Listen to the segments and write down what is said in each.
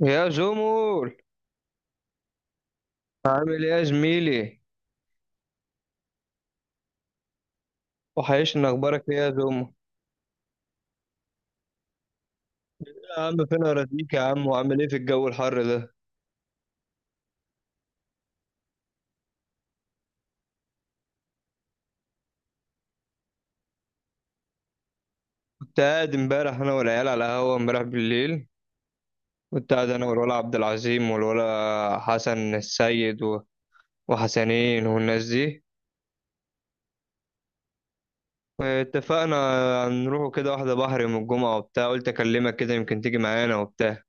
يا زومول، عامل ايه يا زميلي؟ وحشني اخبارك، ايه يا زومو؟ يا عم فين اراضيك يا عم، وعامل ايه في الجو الحر ده؟ كنت قاعد امبارح انا والعيال على القهوه امبارح بالليل. كنت قاعد انا والولا عبد العظيم والولا حسن السيد وحسنين والناس دي. اتفقنا نروحوا كده واحده بحر يوم الجمعه وبتاع، قلت اكلمك كده يمكن تيجي معانا وبتاع.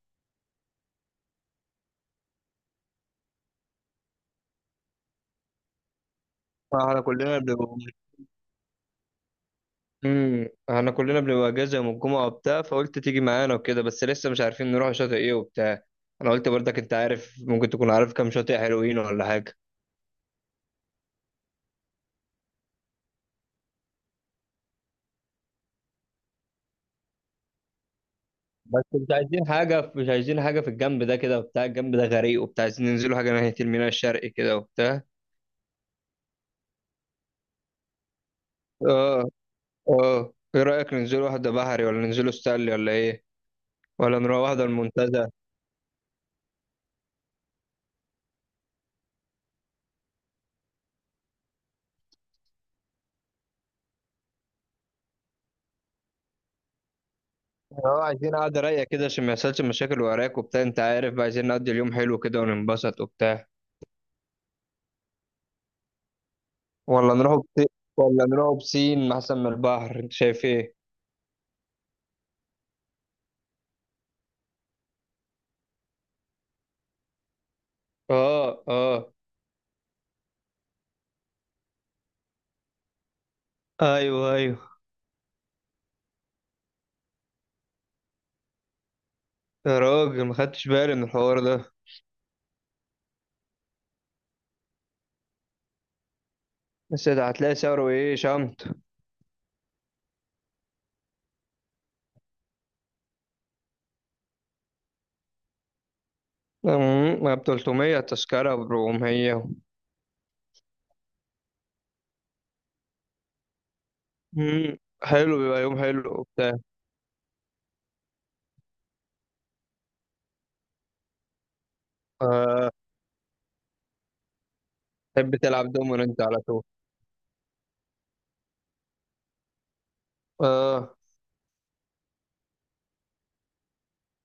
احنا كلنا احنا كلنا بنبقى اجازه يوم الجمعه وبتاع، فقلت تيجي معانا وكده، بس لسه مش عارفين نروح شاطئ ايه وبتاع. انا قلت برضك انت عارف، ممكن تكون عارف كام شاطئ حلوين ولا حاجه. بس مش عايزين حاجه، مش عايزين حاجه في الجنب ده كده وبتاع، الجنب ده غريق وبتاع، عايزين ننزلوا حاجه ناحيه الميناء الشرقي كده وبتاع. اه اه، ايه رايك ننزلوا واحده بحري ولا ننزلوا ستانلي ولا ايه؟ ولا نروح واحده المنتزه؟ اه، عايزين قعده رايقه كده عشان ما يحصلش مشاكل وراك وبتاع، انت عارف بقى، عايزين نقضي اليوم حلو كده وننبسط وبتاع. ولا نروح بسين؟ ولا نروح بسين احسن من البحر؟ انت شايف ايه؟ اه اه. ايوه ايوه. يا راجل ما خدتش بالي من الحوار ده. بس ده هتلاقي سعره ايه شمت؟ ما ب 300، التذكرة ب 400. أمم، حلو، بيبقى يوم حلو وبتاع. آه تحب تلعب دومين انت على طول؟ اه.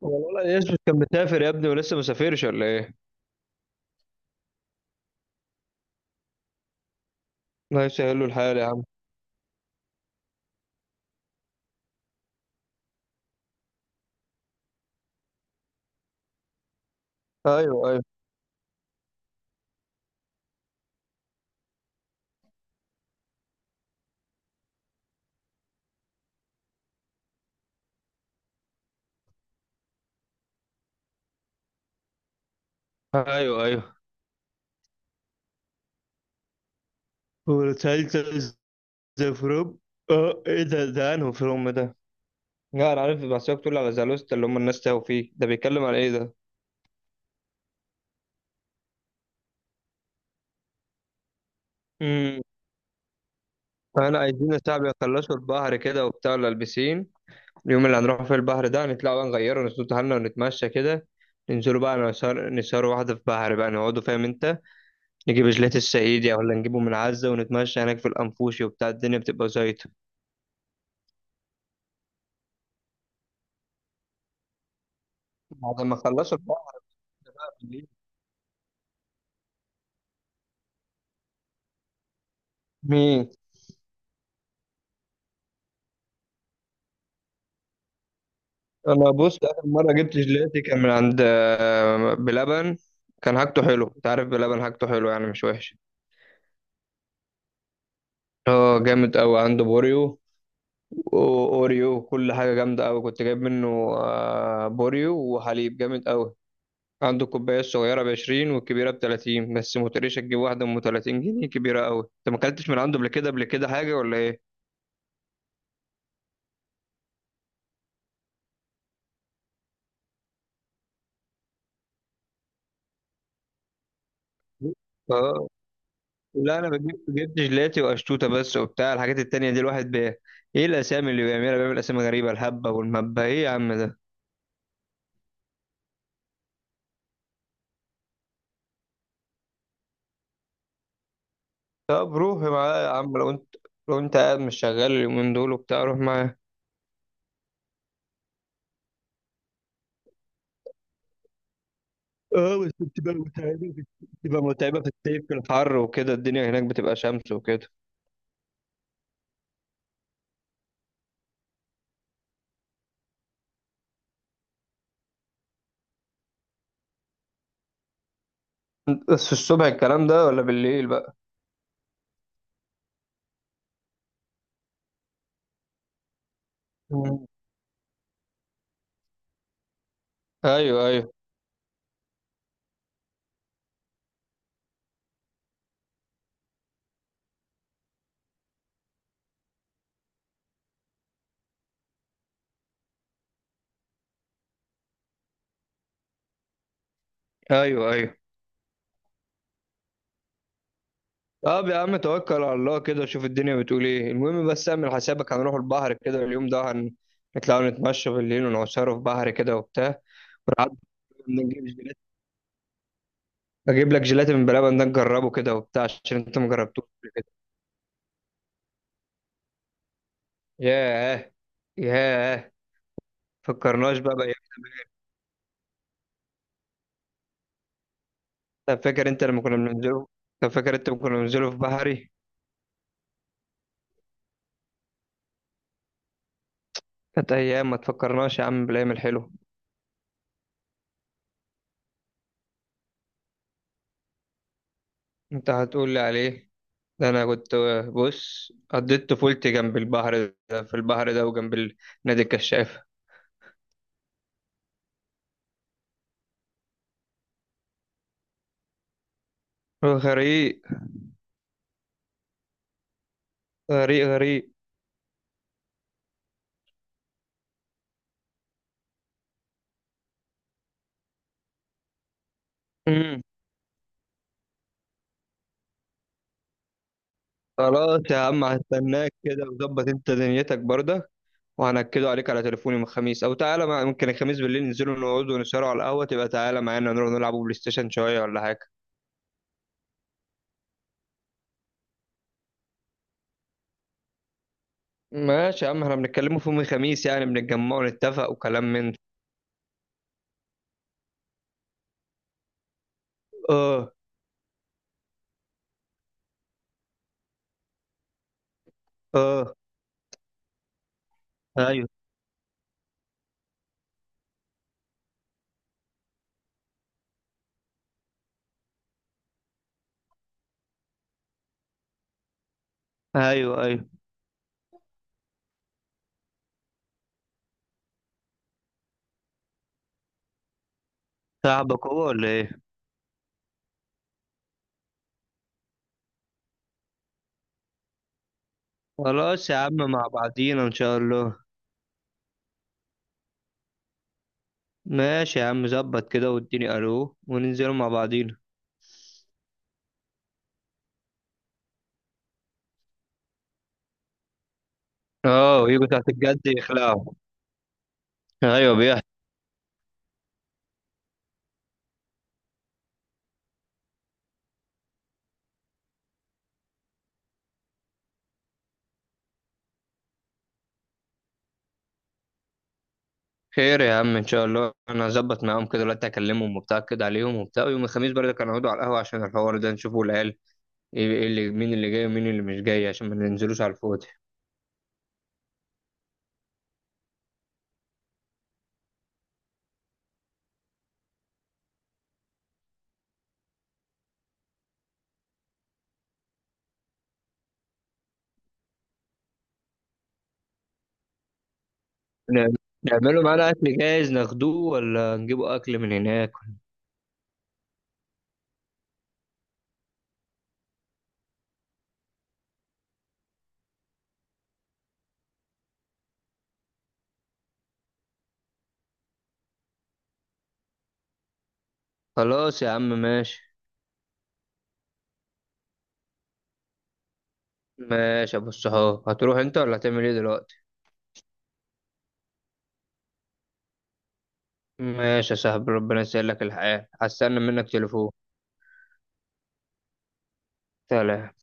والله يوسف كان مسافر يا ابني ولسه مسافرش ولا ايه؟ الله يسهل له الحال يا عم. ايوه ايوه. ايوه ايوه. وتسلسل ذا فروم. اه ايه ده؟ انه فروم ده؟ لا انا عارف، بس هي بتقول على زالوستا اللي هم الناس تاهوا فيه، ده بيتكلم على ايه ده؟ امم. انا عايزين الشعب يخلصوا البحر كده وبتاع لابسين. اليوم اللي هنروح فيه البحر ده، نطلع بقى نغيره، نسوت حالنا ونتمشى كده. ننزلوا بقى نسهر، نسهر واحدة في بحر بقى، نقعدوا فاهم انت. نجيب جيلاتي الصعيدي ولا نجيبه من عزة، ونتمشى هناك في الأنفوشي وبتاع، الدنيا بتبقى زيطة. بعد ما خلصوا البحر ده بقى بالليل. مين؟ أنا بص آخر مرة جبت جيلاتي كان من عند بلبن. كان حاجته حلو، أنت عارف بلبن حاجته حلو، يعني مش وحش. اه جامد قوي، عنده بوريو واوريو وكل حاجه جامده قوي كنت جايب منه. بوريو وحليب جامد قوي. عنده الكوبايه الصغيره ب 20 والكبيره ب 30، بس ما تقوليش تجيب واحده ام 30 جنيه، كبيره قوي. انت ما اكلتش من عنده قبل كده، قبل كده حاجه ولا ايه؟ اه. لا انا بجيب، جبت جيلاتي وقشطوطه بس وبتاع، الحاجات التانية دي الواحد بيه ايه الاسامي اللي بيعملها؟ بيعمل اسامي غريبه، الهبه والمبه ايه يا عم ده؟ طب روح معاه يا عم لو انت قاعد مش شغال اليومين دول وبتاع، روح معاه. اه بس بتبقى متعبة، في الصيف في الحر وكده الدنيا هناك بتبقى شمس وكده. بس في الصبح الكلام ده ولا بالليل بقى؟ مم. ايوه ايوه. ايوه ايوه. طب يا عم توكل على الله كده وشوف الدنيا بتقول ايه، المهم بس اعمل حسابك هنروح البحر كده اليوم ده، هنطلع نتمشى بالليل ونعصره في بحر كده وبتاع. ونعدي نجيب جيلاتي، اجيب لك جيلاتي من بلبن ده نجربه كده وبتاع عشان انت ما جربتوش قبل كده. ياه. ياه. فكرناش بقى. طب فاكر انت لما كنا بننزله طب فاكر انت لما كنا بننزله في بحري. كانت ايام، ما تفكرناش يا عم بالايام الحلوه. انت هتقول لي عليه؟ ده انا كنت بص، قضيت طفولتي جنب البحر ده، في البحر ده، وجنب نادي الكشافه. غريق غريق غريق. امم. خلاص يا عم هستناك كده، وظبط انت دنيتك برضه. وهنكده عليك على تليفوني من الخميس، او تعالى ممكن الخميس بالليل ننزلوا نقعدوا ونسهروا على القهوه، تبقى تعالى معانا نروح نلعبوا بلاي ستيشن شويه ولا حاجه. ماشي يا عم احنا بنتكلموا في يوم الخميس، يعني بنتجمع ونتفق وكلام من ده. اه. اه. ايوه ايوه. ايوه. صاحبك هو ولا ايه؟ خلاص يا عم مع بعضينا ان شاء الله. ماشي يا عم، ظبط كده واديني الو وننزلوا مع بعضينا. اه ويجوا تحت الجد يخلعوا. ايوه بيحصل. خير يا عم ان شاء الله، انا هظبط معاهم كده دلوقتي، اكلمهم وبتاع كده عليهم وبتاع، ويوم الخميس برضه كانوا هيقعدوا على القهوه عشان الحوار ده نشوفوا العيال. ايه إيه اللي مين اللي جاي ومين اللي مش جاي، عشان ما ننزلوش على الفاضي. نعم- نعمله معانا أكل جاهز ناخدوه ولا نجيبه أكل من هناك؟ خلاص يا عم ماشي. ماشي يا أبو الصحاب، هتروح أنت ولا هتعمل إيه دلوقتي؟ ماشي يا صاحبي ربنا يسهل لك الحال، هستنى منك تليفون. سلام.